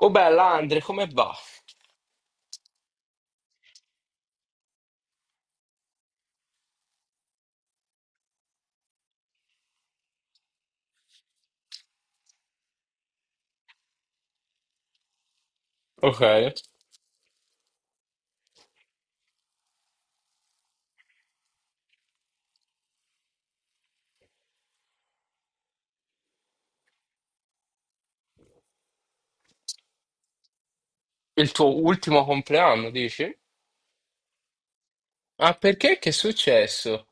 Oh bella Andre, come va? Ok. Il tuo ultimo compleanno, dici? Ah, perché? Che è successo?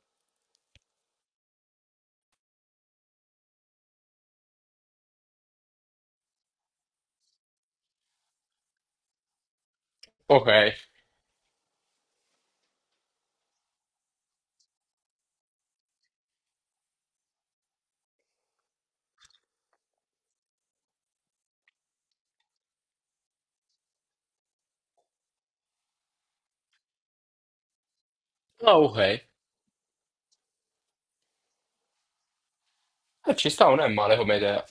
Ok. Ah, ok. Ci sta, non è male come idea.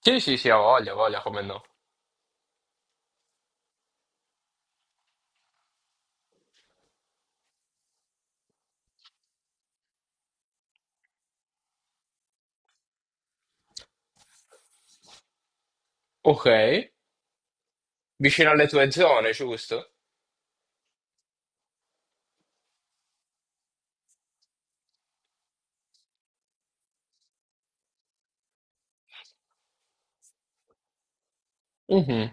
Sì, sì, sì, ha voglia, come no. Ok. Vicino alle tue zone, giusto? Mhm,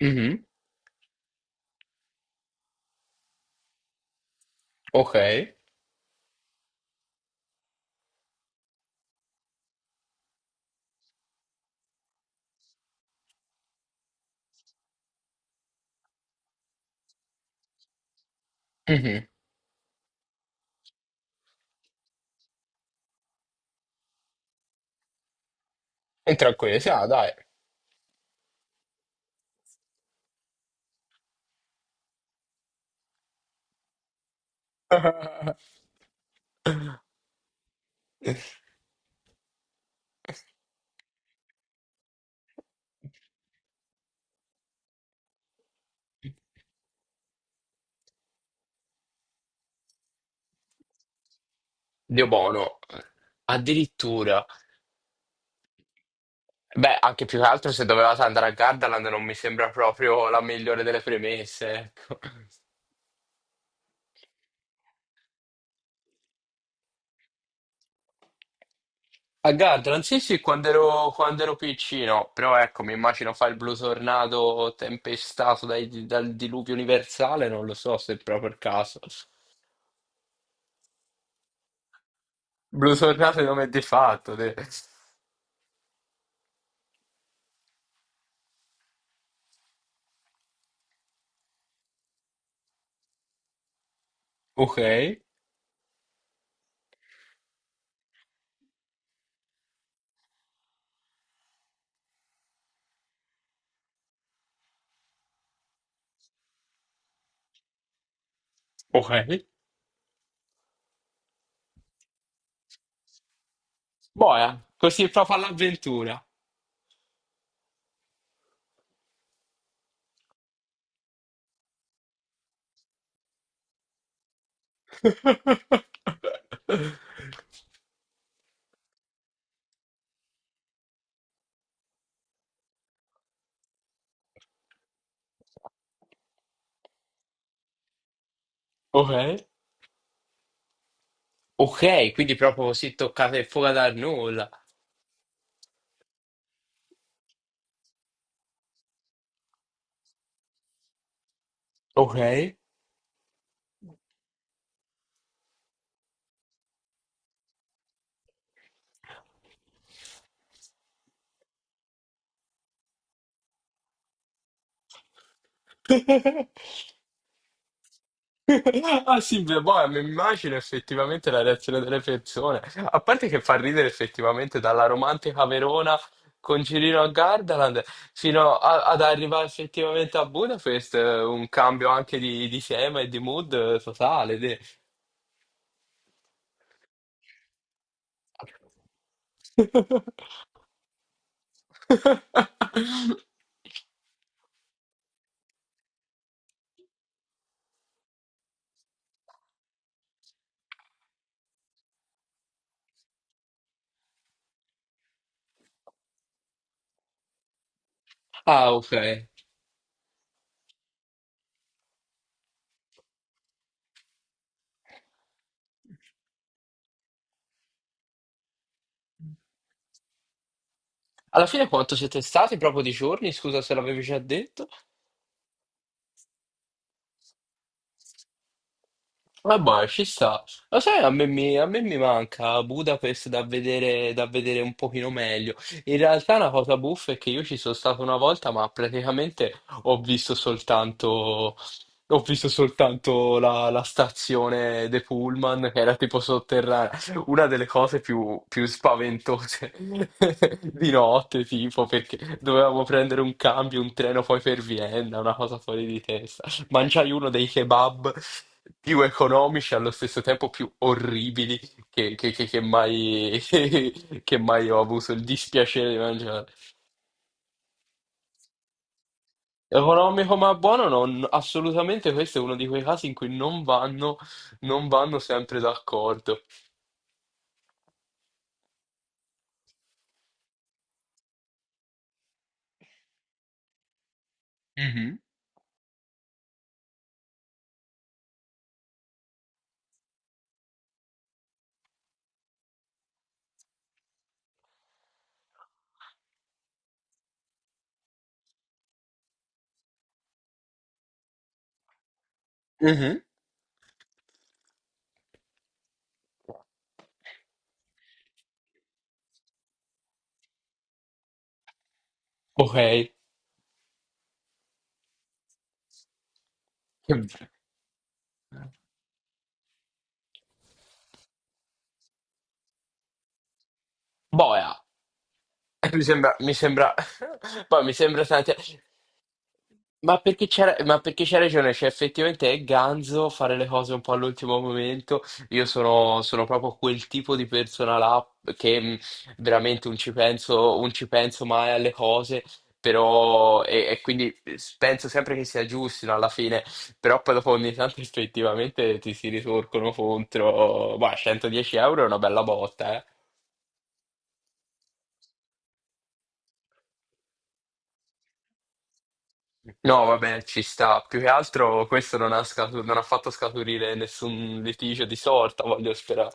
mhm, ok. Mhm. Entra qui, sì, ah, dai. Dio buono. Addirittura. Beh, anche più che altro, se dovevate andare a Gardaland non mi sembra proprio la migliore delle premesse, ecco. A Gardaland, sì, sì, quando ero piccino, però ecco, mi immagino fa il blu tornato tempestato dal diluvio universale, non lo so se è proprio il caso. Blu tornato è nome di fatto. Te. Ok, ok. Boia, così proprio all'avventura. Ok, ok, quindi proprio così toccata e fuoco dal nulla. Ok. Ah sì, beh, boh, mi immagino effettivamente la reazione delle persone. A parte che fa ridere effettivamente dalla romantica Verona con Cirino a Gardaland ad arrivare effettivamente a Budapest, un cambio anche di tema e di mood totale. Ah, ok. Alla fine quanto siete stati proprio di giorni? Scusa se l'avevi già detto. Vabbè, ci sta. Lo sai, a me mi manca Budapest da vedere un pochino meglio. In realtà una cosa buffa è che io ci sono stato una volta, ma praticamente ho visto soltanto la stazione dei Pullman, che era tipo sotterranea. Una delle cose più spaventose di notte, tipo, perché dovevamo prendere un cambio, un treno poi per Vienna, una cosa fuori di testa. Mangiai uno dei kebab più economici e allo stesso tempo più orribili che mai, che mai ho avuto il dispiacere di mangiare. Economico ma buono, no, assolutamente questo è uno di quei casi in cui non vanno sempre d'accordo. Mhm. Mhm. Ok, boia. Mi sembra, poi mi sembra tante. Ma perché c'ha ragione, cioè effettivamente è ganzo fare le cose un po' all'ultimo momento. Io sono proprio quel tipo di persona là che veramente non ci penso, non ci penso mai alle cose, però e quindi penso sempre che sia giusto, no, alla fine, però poi dopo ogni tanto effettivamente ti si ritorcono contro, ma 110 euro è una bella botta, eh. No, vabbè, ci sta. Più che altro questo non ha, non ha fatto scaturire nessun litigio di sorta, voglio sperare.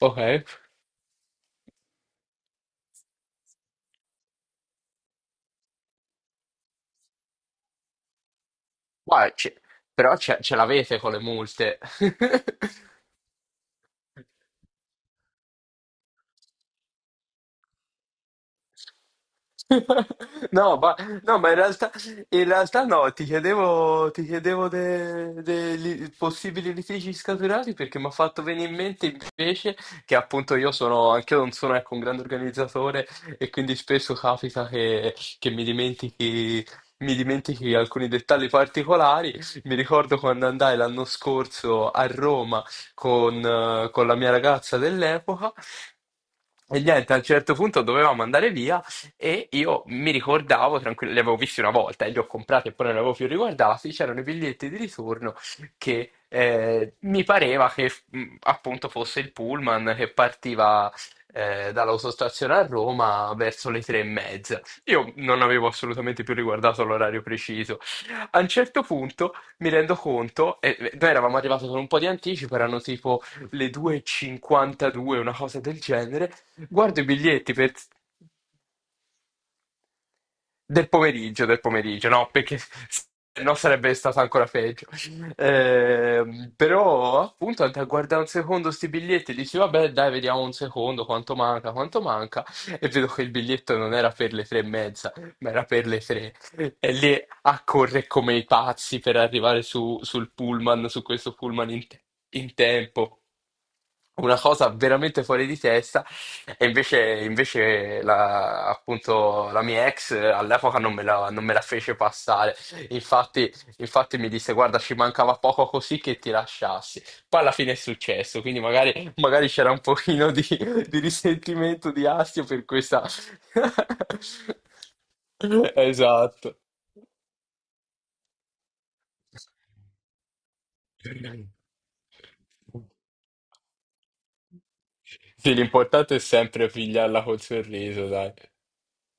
Ok. Ma c'è- Però ce l'avete con le multe. No, ma, no, ma in realtà no, ti chiedevo dei possibili litigi scaturati perché mi ha fatto venire in mente invece che appunto io sono, anche io non sono, ecco, un grande organizzatore e quindi spesso capita che mi dimentichi alcuni dettagli particolari. Mi ricordo quando andai l'anno scorso a Roma con la mia ragazza dell'epoca. E niente, a un certo punto dovevamo andare via e io mi ricordavo, tranquillo, li avevo visti una volta e li ho comprati e poi non li avevo più riguardati, c'erano i biglietti di ritorno che mi pareva che appunto fosse il pullman che partiva dall'autostazione a Roma verso le 3:30. Io non avevo assolutamente più riguardato l'orario preciso. A un certo punto mi rendo conto, e noi eravamo arrivati con un po' di anticipo, erano tipo le 2.52, una cosa del genere, guardo i biglietti per del pomeriggio, no, perché se no sarebbe stato ancora peggio. Però appunto andai a guardare un secondo sti biglietti, dici vabbè, dai, vediamo un secondo quanto manca, quanto manca, e vedo che il biglietto non era per le 3:30, ma era per le 3. E lì a correre come i pazzi per arrivare sul pullman, su questo pullman in, in tempo. Una cosa veramente fuori di testa. E invece, invece la, appunto, la mia ex all'epoca non me la fece passare. Infatti, infatti mi disse: "Guarda, ci mancava poco così che ti lasciassi." Poi alla fine è successo, quindi magari, magari c'era un pochino di risentimento, di astio per questa. Esatto. Sì, l'importante è sempre pigliarla col sorriso, dai.